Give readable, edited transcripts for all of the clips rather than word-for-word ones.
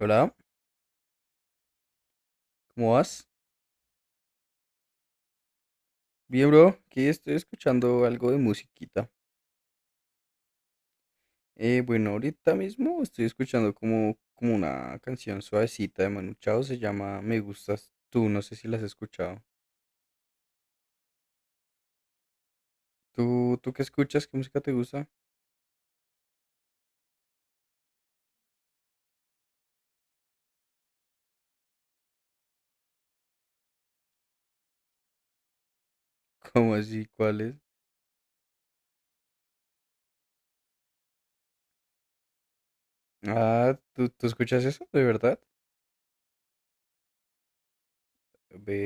Hola, ¿cómo vas? Bien, bro, aquí estoy escuchando algo de musiquita. Bueno, ahorita mismo estoy escuchando como una canción suavecita de Manu Chao, se llama Me gustas tú, no sé si la has escuchado. ¿Tú qué escuchas? ¿Qué música te gusta? ¿Cómo así? ¿Cuál es? Ah, ¿tú escuchas eso? ¿De verdad? Ve,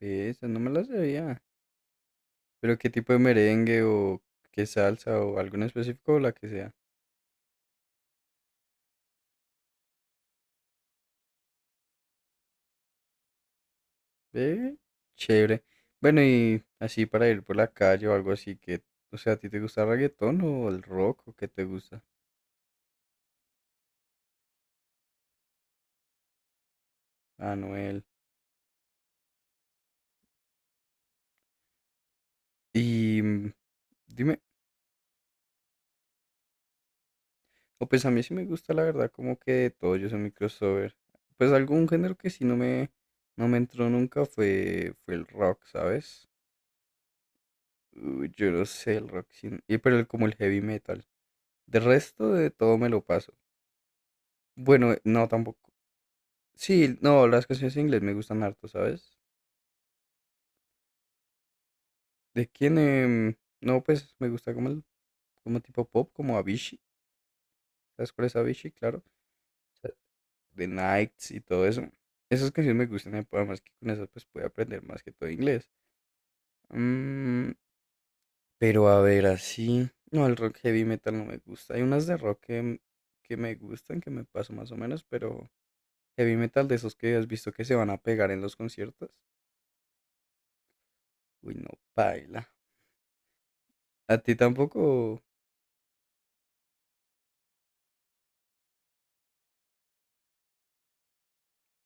ve, esa no me la sabía. ¿Pero qué tipo de merengue o qué salsa o algo en específico o la que sea? Ve, chévere. Bueno, y así para ir por la calle o algo así que, o sea, ¿a ti te gusta el reggaetón o el rock o qué te gusta? Anuel. Y dime, o pues a mí sí me gusta la verdad, como que de todo, yo soy mi crossover. Pues algún género que sí no me entró nunca fue el rock, ¿sabes? Uy, yo no sé el rock, sí, y pero como el heavy metal. De resto de todo me lo paso. Bueno, no tampoco. Sí, no, las canciones en inglés me gustan harto, ¿sabes? ¿De quién? No, pues me gusta como tipo pop, como Avicii. ¿Sabes cuál es Avicii? Claro. The Nights y todo eso. Esas canciones me gustan, además que con esas pues puedo aprender más que todo inglés. Mm, pero a ver, así. No, el rock heavy metal no me gusta. Hay unas de rock que que me gustan, que me paso más o menos, pero heavy metal de esos que has visto que se van a pegar en los conciertos. Uy, no, baila. ¿A ti tampoco?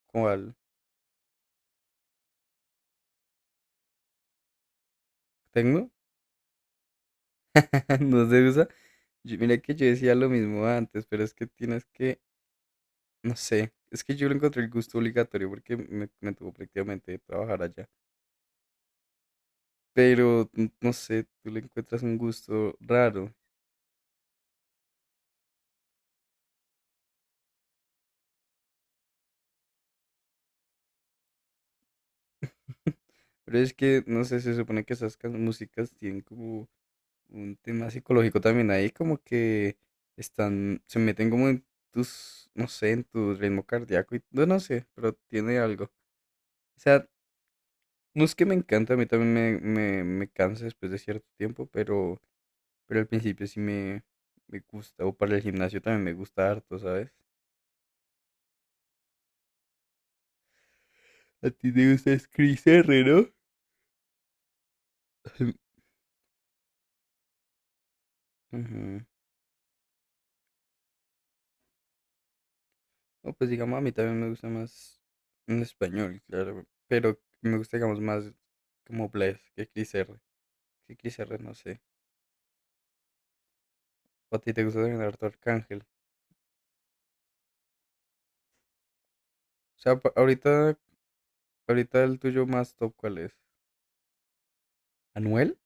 ¿Cuál? ¿Tecno? No se usa. Mira que yo decía lo mismo antes, pero es que tienes que, no sé, es que yo le encontré el gusto obligatorio porque me tuvo prácticamente trabajar allá. Pero, no sé, tú le encuentras un gusto raro. Pero es que, no sé, se supone que esas músicas tienen como un tema psicológico también ahí, como que están, se meten como en tus, no sé, en tu ritmo cardíaco y, no, no sé, pero tiene algo. O sea, no es que me encanta, a mí también me cansa después de cierto tiempo, pero al principio sí me gusta. O para el gimnasio también me gusta harto, ¿sabes? A ti te gusta es Chris R, ¿no? Ujú. No, pues digamos, a mí también me gusta más en español, claro. Pero me gusta, digamos, más como Blaze que Chris R. Que Chris R, no sé. ¿O a ti te gusta también harto Arcángel? O sea, ahorita, ahorita el tuyo más top, ¿cuál es? ¿Anuel?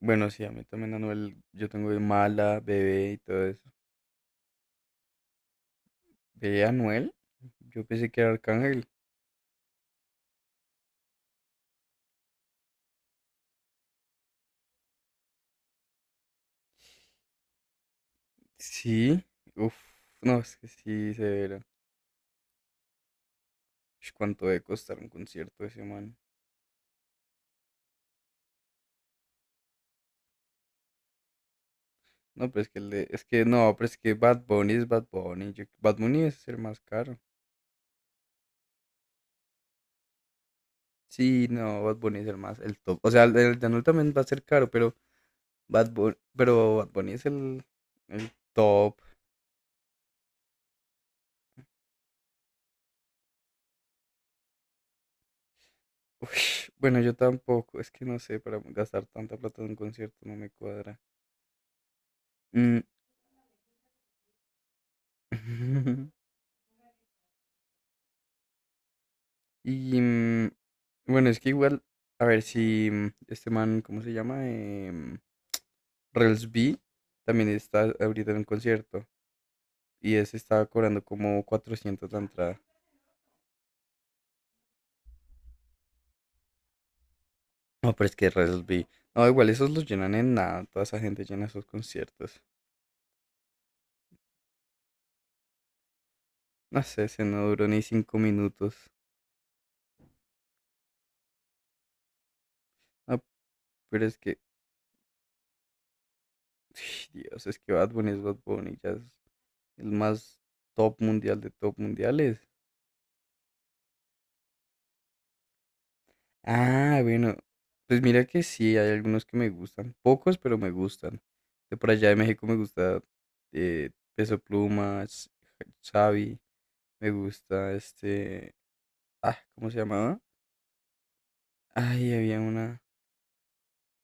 Bueno, sí, a mí también Anuel, yo tengo de Mala, Bebé y todo eso. ¿De Anuel? Yo pensé que era Arcángel. Sí, uff, no, es que sí, severo. Ush, ¿cuánto debe costar un concierto de ese man? No, pero es que el de, es que no, pero es que Bad Bunny es Bad Bunny. Bad Bunny es el más caro. Sí, no, Bad Bunny es el más, el top. O sea, el de Anuel también va a ser caro, pero Bad Bunny es el top. Ush, bueno, yo tampoco, es que no sé, para gastar tanta plata en un concierto no me cuadra. Mm, y, bueno, es que igual, a ver si este man, ¿cómo se llama? Rels B también está ahorita en un concierto y ese estaba cobrando como 400 la entrada. No, pero es que Rels B. No, igual esos los llenan en nada. Toda esa gente llena esos conciertos. No sé, se no duró ni 5 minutos. No, pero es que, Dios, es que Bad Bunny es Bad Bunny, ya es el más top mundial de top mundiales. Ah, bueno, pues mira que sí, hay algunos que me gustan, pocos, pero me gustan. De por allá de México me gusta Peso Pluma, Xavi, me gusta este, ah, ¿cómo se llamaba? Ay, había una,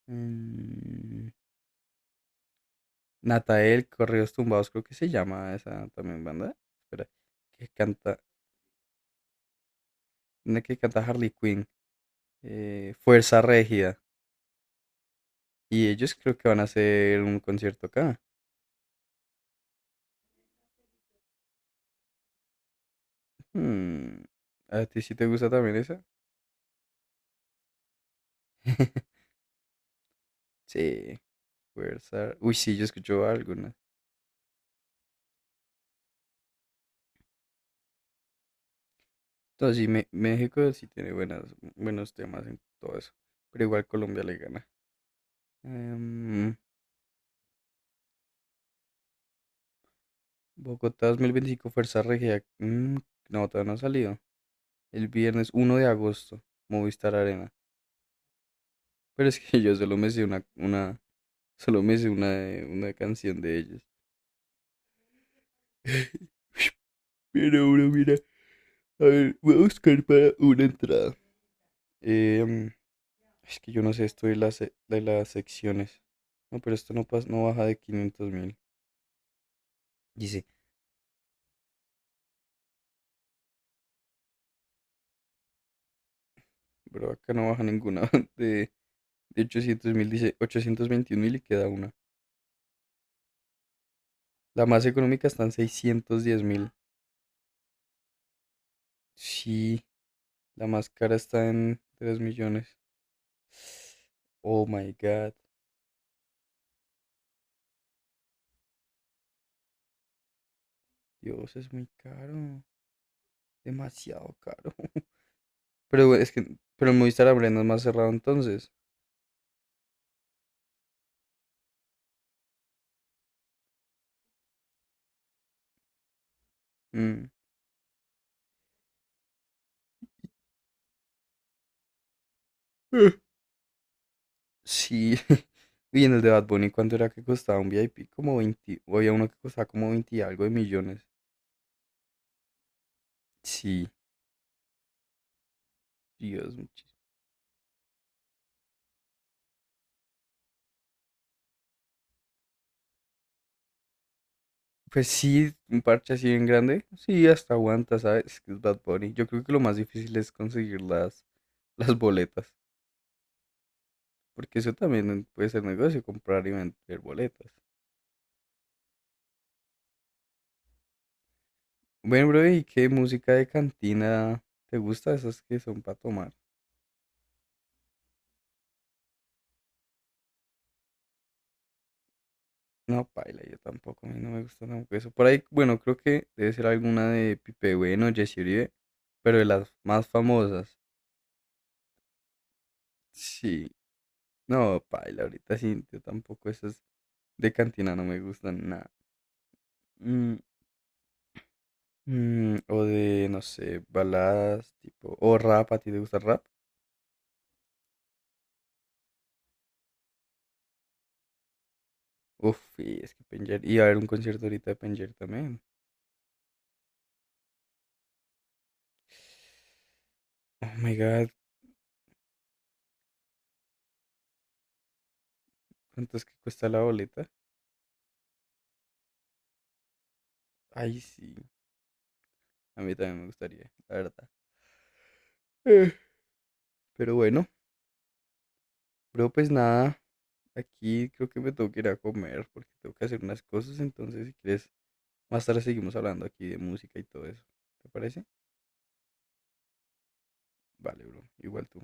mm, Natael, Correos Tumbados, creo que se llama esa también banda, espera, que canta, una que canta Harley Quinn, Fuerza Régida, y ellos creo que van a hacer un concierto acá. Hmm, ¿a ti sí te gusta también esa? Sí, fuerza. Uy, sí, yo escucho algunas. Entonces, sí, México sí tiene buenas, buenos temas en todo eso. Pero igual Colombia le gana. Em, Bogotá 2025, Fuerza Regia. No, todavía no ha salido. El viernes 1 de agosto, Movistar Arena. Pero es que yo solo me sé una canción de ellos. Pero bueno, mira, a ver, voy a buscar para una entrada. Em, Es que yo no sé esto de las secciones. No, pero esto no, pasa, no baja de 500.000. Dice, pero acá no baja ninguna. De, de 800.000, dice 821 mil y queda una. La más económica está en 610.000. Sí, la más cara está en 3.000.000. Oh my God. Dios, es muy caro. Demasiado caro. Pero es que, pero el Movistar Arena es más cerrado entonces. Mm. Sí. Y en el de Bad Bunny, ¿cuánto era que costaba un VIP? Como 20, o había uno que costaba como 20 y algo de millones. Sí, Dios, muchísimo. Pues sí, un parche así bien grande. Sí, hasta aguanta, ¿sabes? Es que es Bad Bunny. Yo creo que lo más difícil es conseguir las boletas. Porque eso también puede ser negocio, comprar y vender boletas. Bueno, bro, ¿y qué música de cantina te gusta? Esas que son para tomar. No, paila, yo tampoco, a mí no me gusta tampoco eso. Por ahí, bueno, creo que debe ser alguna de Pipe Bueno, Jesse Uribe, pero de las más famosas. Sí, no, paila, ahorita sí, yo tampoco esas de cantina no me gustan nada. Mm, o de, no sé, baladas, tipo, o rap, ¿a ti te gusta el rap? Uf, y es que Penger, y a ver un concierto ahorita de Penger también. Oh my god, ¿cuánto es que cuesta la boleta? Ay, sí, a mí también me gustaría, la verdad. Eh, Pero bueno, pero pues nada, aquí creo que me tengo que ir a comer porque tengo que hacer unas cosas, entonces si quieres, más tarde seguimos hablando aquí de música y todo eso. ¿Te parece? Vale, bro, igual tú.